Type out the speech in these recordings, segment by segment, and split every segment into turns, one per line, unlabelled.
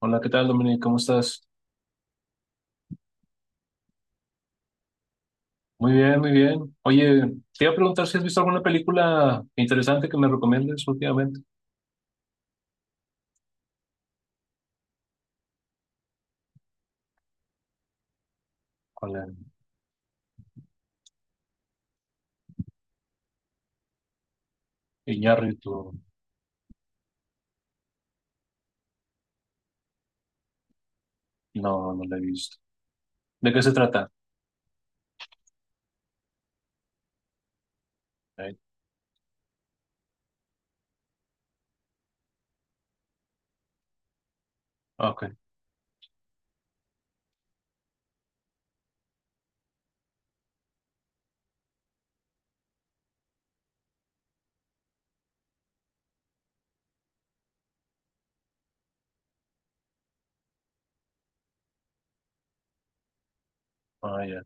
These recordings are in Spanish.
Hola, ¿qué tal, Dominic? ¿Cómo estás? Muy bien, muy bien. Oye, te iba a preguntar si has visto alguna película interesante que me recomiendes últimamente. Con el Iñárritu. No, no la he visto. ¿De qué se trata? Eh, Ok. Ah, ya.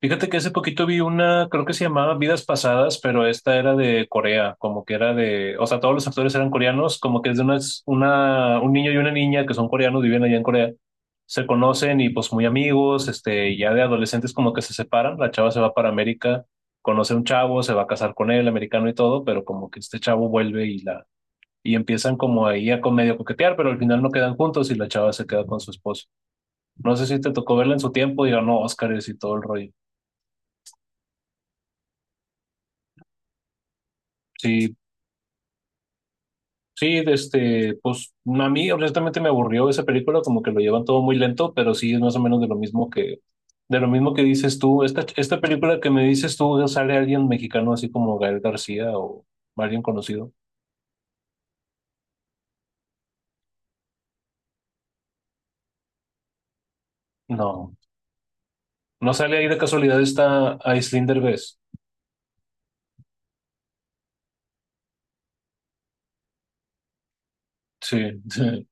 Fíjate que hace poquito vi una, creo que se llamaba Vidas Pasadas, pero esta era de Corea, como que era de, o sea, todos los actores eran coreanos, como que es de una, un niño y una niña que son coreanos, viven allá en Corea, se conocen y pues muy amigos, este, ya de adolescentes como que se separan, la chava se va para América, conoce a un chavo, se va a casar con él, americano y todo, pero como que este chavo vuelve y empiezan como ahí a con medio coquetear, pero al final no quedan juntos y la chava se queda con su esposo. No sé si te tocó verla en su tiempo y ganó Óscares y todo el rollo. Sí, sí, este, pues a mí honestamente me aburrió esa película, como que lo llevan todo muy lento, pero sí es más o menos de lo de lo mismo que dices tú. Esta película que me dices tú, ¿sale alguien mexicano así como Gael García o alguien conocido? No, no sale ahí de casualidad esta Aislinn Derbez. Sí, sí,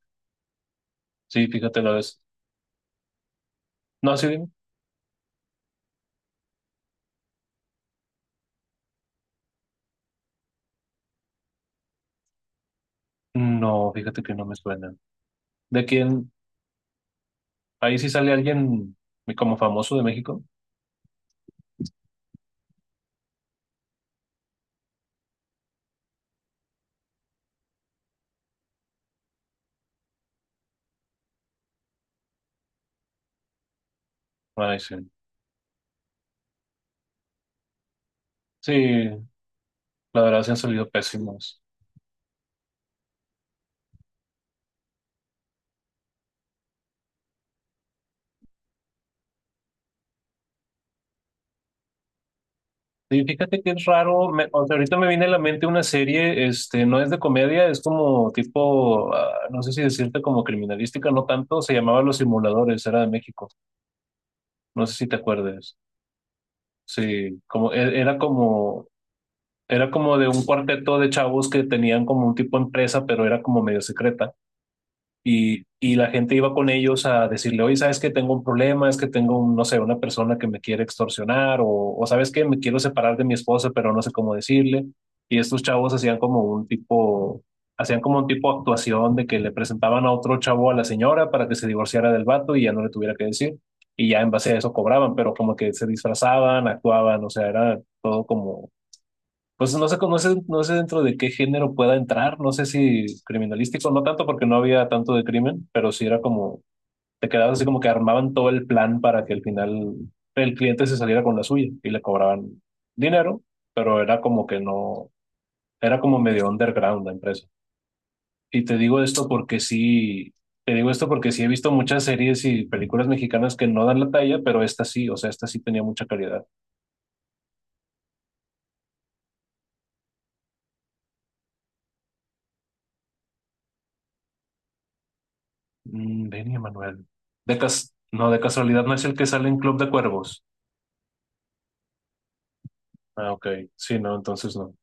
sí, fíjate la vez. No, sí, dime. No, fíjate que no me suena. ¿De quién? Ahí sí sale alguien como famoso de México. Ay, sí. Sí, la verdad se han salido pésimos. Sí, fíjate que es raro, o sea, ahorita me viene a la mente una serie, este, no es de comedia, es como tipo, ah, no sé si decirte como criminalística, no tanto, se llamaba Los Simuladores, era de México, no sé si te acuerdes, sí, era como de un cuarteto de chavos que tenían como un tipo empresa, pero era como medio secreta. Y la gente iba con ellos a decirle, oye, ¿sabes que Tengo un problema, es que tengo, un, no sé, una persona que me quiere extorsionar, o ¿sabes que Me quiero separar de mi esposa, pero no sé cómo decirle. Y estos chavos hacían como un tipo, hacían como un tipo de actuación de que le presentaban a otro chavo a la señora para que se divorciara del vato y ya no le tuviera que decir. Y ya en base a eso cobraban, pero como que se disfrazaban, actuaban, o sea, era todo como pues no sé, no sé dentro de qué género pueda entrar, no sé si criminalístico, no tanto porque no había tanto de crimen, pero sí era como, te quedabas así como que armaban todo el plan para que al final el cliente se saliera con la suya y le cobraban dinero, pero era como que no, era como medio underground la empresa. Y te digo esto porque sí, te digo esto porque sí he visto muchas series y películas mexicanas que no dan la talla, pero esta sí, o sea, esta sí tenía mucha calidad. Mm, Benny Manuel. De cas no, de casualidad no es el que sale en Club de Cuervos. Ah, ok. Sí, no, entonces no.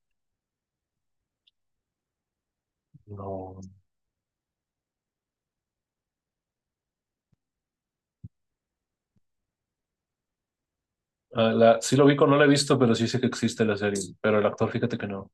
No. Ah, la, sí lo ubico, no la he visto, pero sí sé que existe la serie. Pero el actor, fíjate que no.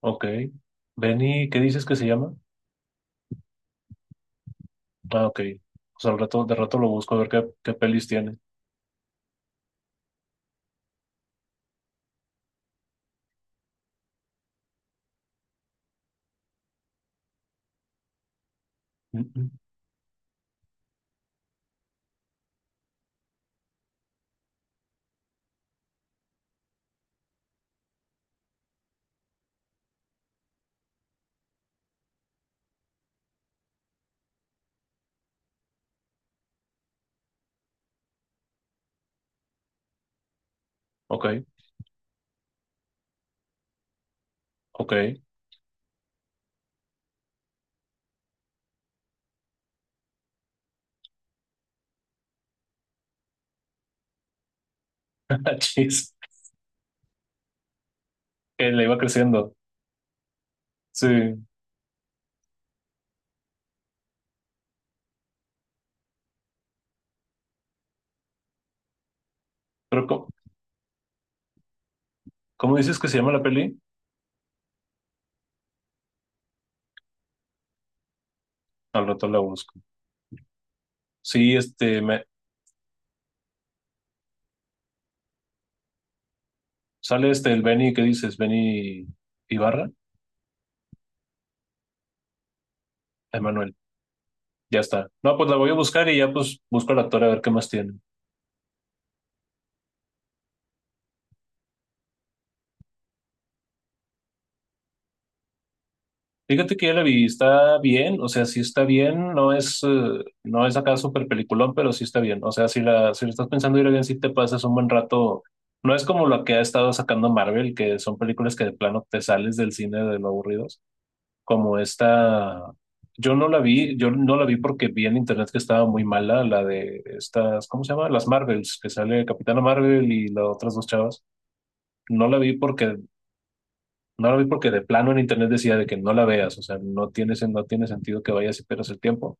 Ok. Benny, ¿qué dices que se llama? Ah, ok. O sea, al rato, de rato lo busco a ver qué, qué pelis tiene. Mm, mm. Ok, ok. Chis. Que le iba creciendo. Sí. Pero, ¿cómo, cómo dices que se llama la peli? Al rato la busco. Sí, este, me, sale este, el Benny, ¿qué dices? Benny Ibarra. Emanuel, ya está. No, pues la voy a buscar y ya pues busco al actor a ver qué más tiene. Fíjate que ya la vi, está bien, o sea, sí está bien, no es, no es acá súper peliculón, pero sí está bien. O sea, si la estás pensando ir a bien, sí te pasas un buen rato. No es como lo que ha estado sacando Marvel, que son películas que de plano te sales del cine de lo aburridos, como esta. Yo no la vi, yo no la vi porque vi en internet que estaba muy mala, la de estas, ¿cómo se llama? Las Marvels, que sale Capitana Marvel y las otras dos chavas. No la vi porque No la vi porque de plano en internet decía de que no la veas, o sea, no tiene, no tiene sentido que vayas y pierdas el tiempo.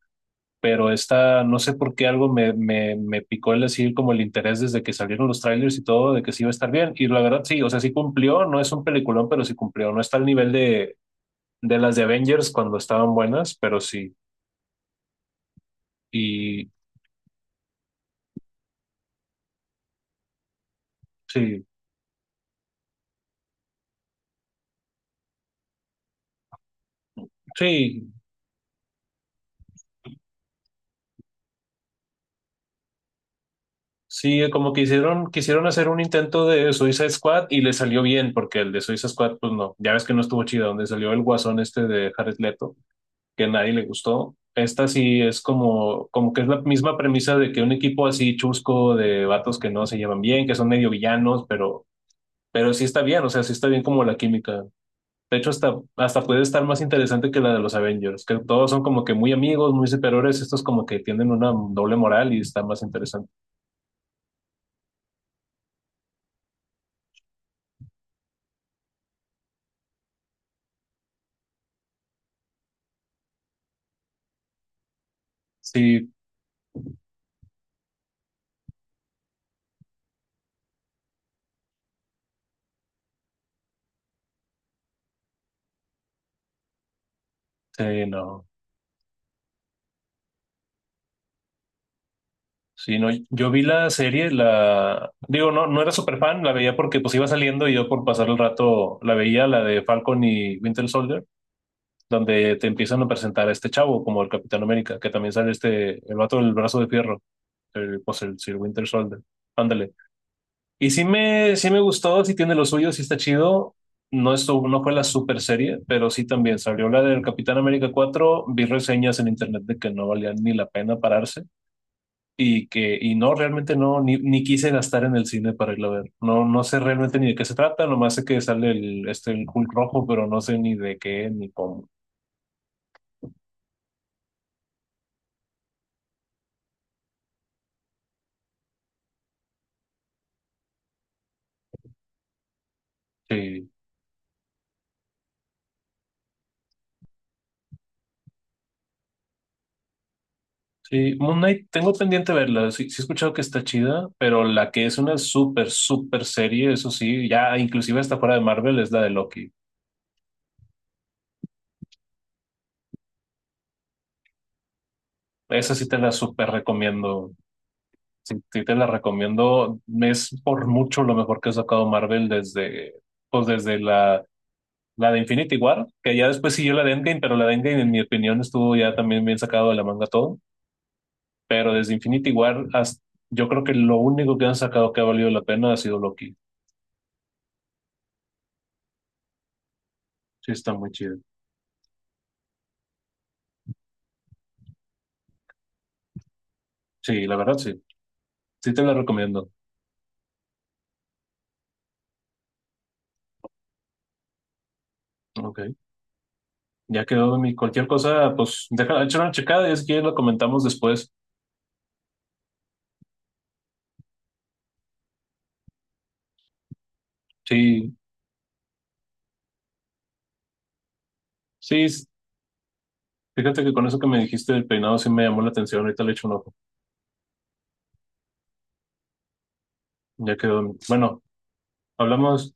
Pero esta, no sé por qué algo me picó el decir como el interés desde que salieron los trailers y todo, de que sí iba a estar bien. Y la verdad sí, o sea, sí cumplió, no es un peliculón, pero sí cumplió. No está al nivel de las de Avengers cuando estaban buenas, pero sí. Y sí, sí, sí, como que hicieron, quisieron hacer un intento de Suicide Squad y le salió bien, porque el de Suicide Squad, pues no, ya ves que no estuvo chido, donde salió el guasón este de Jared Leto que a nadie le gustó. Esta sí es como, como que es la misma premisa de que un equipo así chusco de vatos que no se llevan bien, que son medio villanos, pero sí está bien, o sea, sí está bien como la química. De hecho, hasta, hasta puede estar más interesante que la de los Avengers, que todos son como que muy amigos, muy superiores, estos como que tienen una doble moral y está más interesante. Sí, sí, no. Sí, no, yo vi la serie, la digo, no, no era súper fan, la veía porque pues iba saliendo y yo por pasar el rato la veía, la de Falcon y Winter Soldier donde te empiezan a presentar a este chavo como el Capitán América, que también sale este, el vato del brazo de fierro, el, pues el Sir Winter Soldier. Ándale. Y sí me gustó, sí tiene lo suyo, sí está chido. No, estuvo, no fue la super serie, pero sí también salió la del Capitán América 4. Vi reseñas en internet de que no valía ni la pena pararse y que y no, realmente no, ni quise gastar en el cine para irlo a ver. No, no sé realmente ni de qué se trata, nomás sé que sale el, este, el Hulk rojo, pero no sé ni de qué ni cómo. Sí. Sí, Moon Knight, tengo pendiente verla. Sí, sí he escuchado que está chida, pero la que es una súper, súper serie, eso sí, ya inclusive está fuera de Marvel, es la de Loki. Esa sí te la súper recomiendo. Sí, sí te la recomiendo. Es por mucho lo mejor que ha sacado Marvel desde, pues desde la de Infinity War, que ya después siguió la de Endgame, pero la de Endgame, en mi opinión, estuvo ya también bien sacado de la manga todo. Pero desde Infinity War, hasta, yo creo que lo único que han sacado que ha valido la pena ha sido Loki. Sí, está muy chido. Sí, la verdad, sí. Sí te la recomiendo. Ok, ya quedó de mí. Cualquier cosa, pues déjala, échale una checada y si quieres lo comentamos después. Sí, sí, fíjate que con eso que me dijiste del peinado sí me llamó la atención. Ahorita le echo un ojo. Ya quedó de mí. Bueno, hablamos.